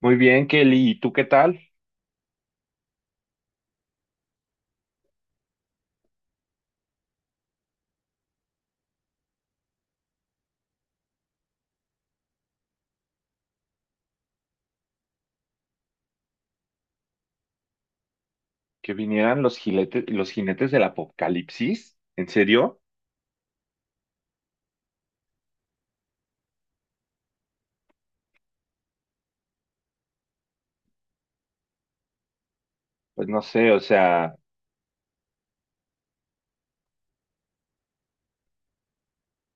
Muy bien, Kelly. ¿Y tú qué tal? Que vinieran los jinetes del Apocalipsis. ¿En serio? Pues no sé, o sea,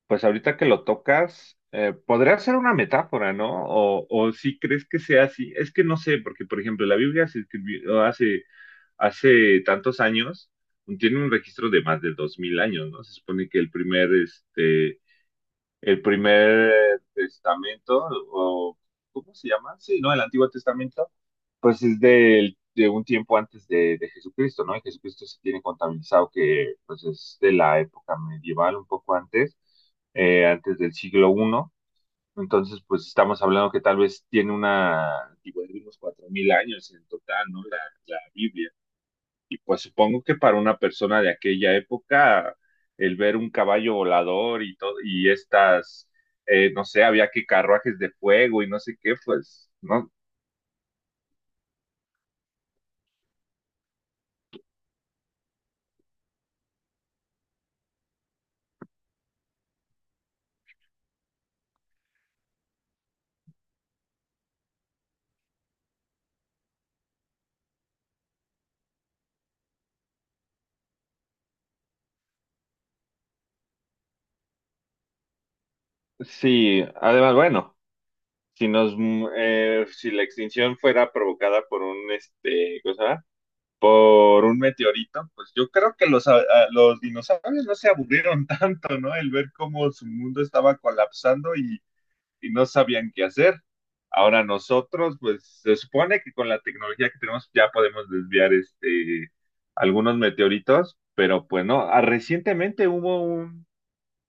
pues ahorita que lo tocas, podría ser una metáfora, ¿no? O si crees que sea así. Es que no sé, porque por ejemplo, la Biblia se escribió hace tantos años, tiene un registro de más de 2.000 años, ¿no? Se supone que el primer testamento, o ¿cómo se llama? Sí, ¿no? El Antiguo Testamento pues es de un tiempo antes de Jesucristo, ¿no? Y Jesucristo se tiene contabilizado que pues es de la época medieval, un poco antes, antes del siglo I. Entonces, pues estamos hablando que tal vez tiene una antigüedad de unos 4.000 años en total, ¿no? La Biblia. Y pues supongo que para una persona de aquella época, el ver un caballo volador y todo, y estas, no sé, había que carruajes de fuego y no sé qué, pues, ¿no? Sí, además, bueno. Si nos si la extinción fuera provocada por un meteorito pues yo creo que los dinosaurios no se aburrieron tanto, no, el ver cómo su mundo estaba colapsando y no sabían qué hacer. Ahora nosotros pues se supone que con la tecnología que tenemos ya podemos desviar algunos meteoritos, pero pues no. Recientemente hubo un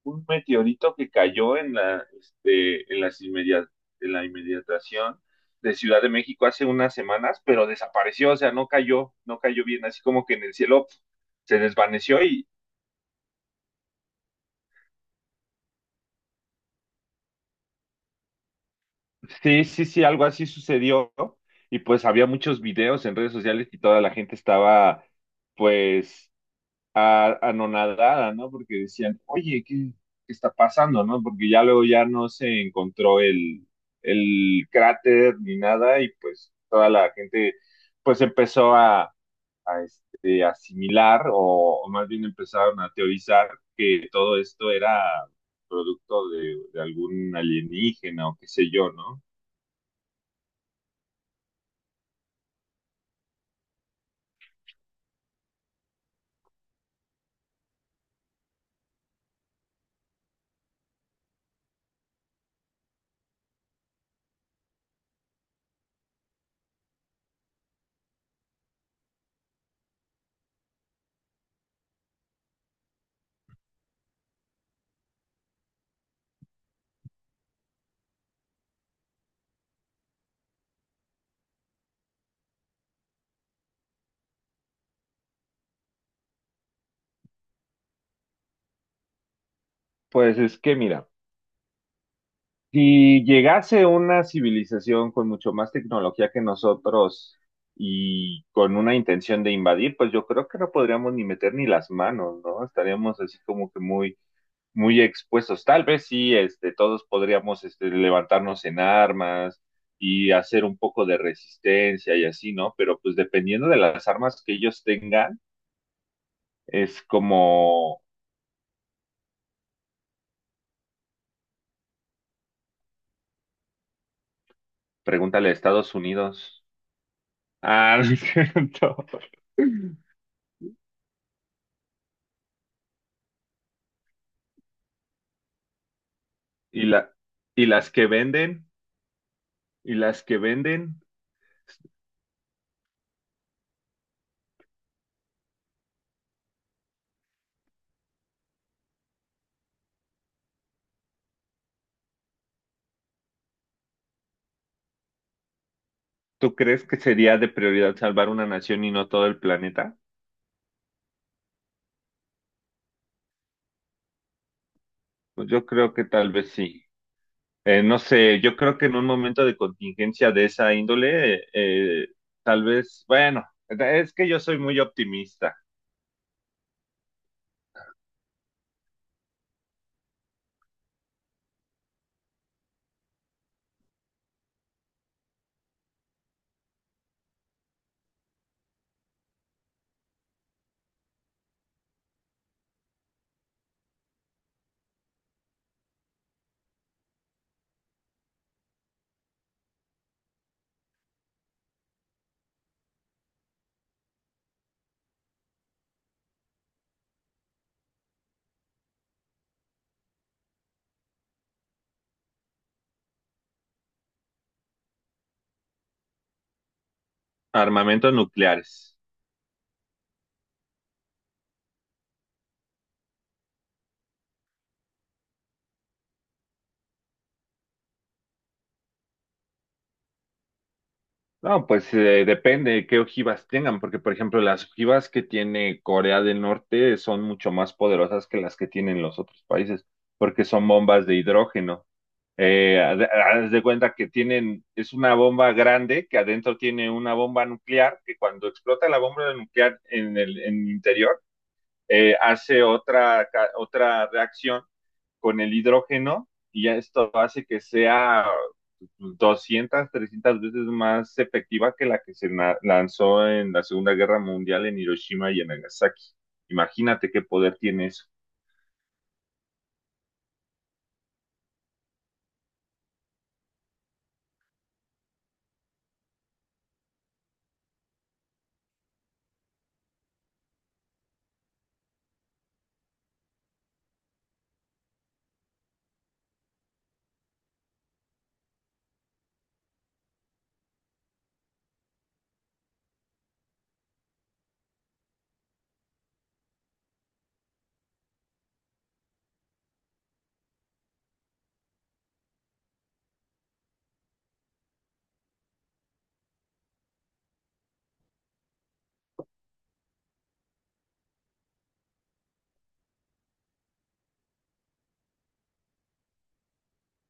meteorito que cayó en la, este, en las inmedia- en la inmediatación de Ciudad de México hace unas semanas, pero desapareció, o sea, no cayó bien, así como que en el cielo, se desvaneció y sí, sí, sí, algo así sucedió, ¿no? Y pues había muchos videos en redes sociales y toda la gente estaba, pues, anonadada, ¿no? Porque decían, oye, ¿qué está pasando, no? Porque ya luego ya no se encontró el cráter ni nada, y pues toda la gente pues empezó asimilar, o más bien empezaron a teorizar que todo esto era producto de algún alienígena o qué sé yo, ¿no? Pues es que mira. Si llegase una civilización con mucho más tecnología que nosotros y con una intención de invadir, pues yo creo que no podríamos ni meter ni las manos, ¿no? Estaríamos así como que muy, muy expuestos. Tal vez sí, todos podríamos levantarnos en armas y hacer un poco de resistencia y así, ¿no? Pero pues dependiendo de las armas que ellos tengan, es como, pregúntale a Estados Unidos. Ah, no es cierto. Y la, y las que venden, y las que venden, ¿tú crees que sería de prioridad salvar una nación y no todo el planeta? Pues yo creo que tal vez sí. No sé, yo creo que en un momento de contingencia de esa índole, tal vez, bueno, es que yo soy muy optimista. Armamentos nucleares. No, pues depende de qué ojivas tengan, porque por ejemplo las ojivas que tiene Corea del Norte son mucho más poderosas que las que tienen los otros países, porque son bombas de hidrógeno. Haz de cuenta que tienen, es una bomba grande que adentro tiene una bomba nuclear, que cuando explota la bomba nuclear en el interior, hace otra reacción con el hidrógeno, y ya esto hace que sea 200 300 veces más efectiva que la que se lanzó en la Segunda Guerra Mundial en Hiroshima y en Nagasaki. Imagínate qué poder tiene eso.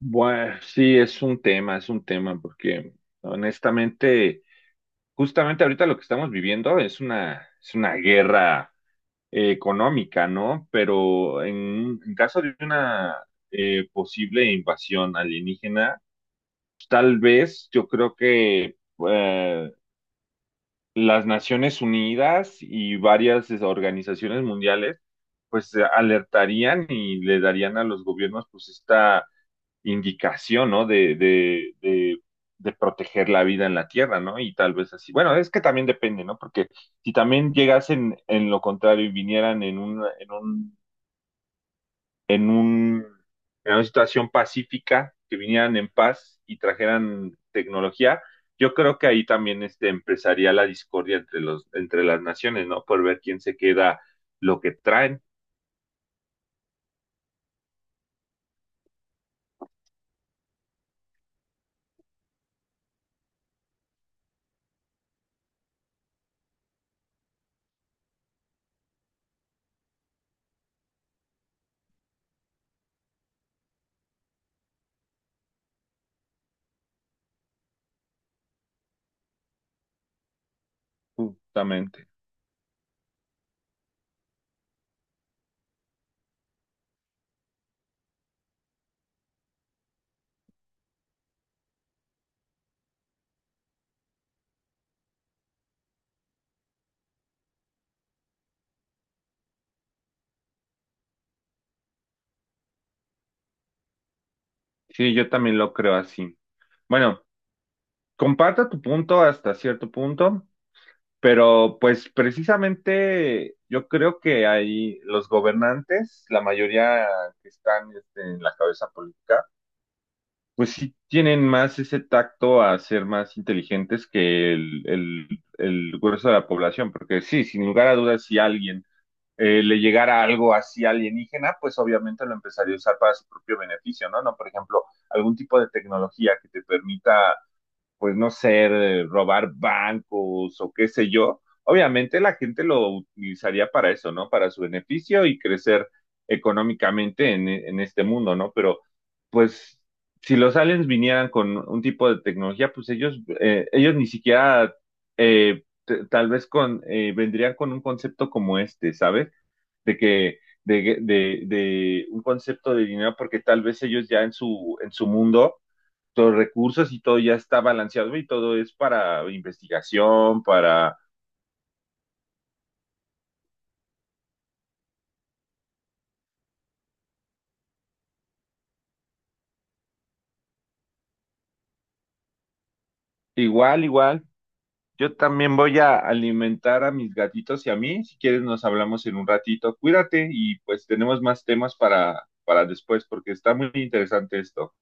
Bueno, sí, es un tema, porque honestamente, justamente ahorita lo que estamos viviendo es una guerra económica, ¿no? Pero en caso de una, posible invasión alienígena, tal vez yo creo que eh, las Naciones Unidas y varias organizaciones mundiales pues alertarían y le darían a los gobiernos pues esta indicación, ¿no? De proteger la vida en la Tierra, ¿no? Y tal vez así. Bueno, es que también depende, ¿no? Porque si también llegasen en lo contrario y vinieran en un, en una situación pacífica, que vinieran en paz y trajeran tecnología, yo creo que ahí también empezaría la discordia entre las naciones, ¿no? Por ver quién se queda lo que traen, justamente. Sí, yo también lo creo así. Bueno, comparto tu punto hasta cierto punto, pero pues precisamente yo creo que ahí los gobernantes, la mayoría que están en la cabeza política, pues sí tienen más ese tacto a ser más inteligentes que el grueso de la población, porque sí, sin lugar a dudas, si alguien le llegara algo así alienígena, pues obviamente lo empezaría a usar para su propio beneficio, ¿no? No, por ejemplo, algún tipo de tecnología que te permita, pues no sé, robar bancos o qué sé yo, obviamente la gente lo utilizaría para eso, ¿no? Para su beneficio y crecer económicamente en este mundo, ¿no? Pero pues si los aliens vinieran con un tipo de tecnología, pues ellos ni siquiera, tal vez vendrían con un concepto como este, ¿sabes? De que un concepto de dinero, porque tal vez ellos ya en su mundo los recursos y todo ya está balanceado y todo es para investigación, para igual, igual. Yo también voy a alimentar a mis gatitos y a mí. Si quieres nos hablamos en un ratito. Cuídate, y pues tenemos más temas para después, porque está muy interesante esto.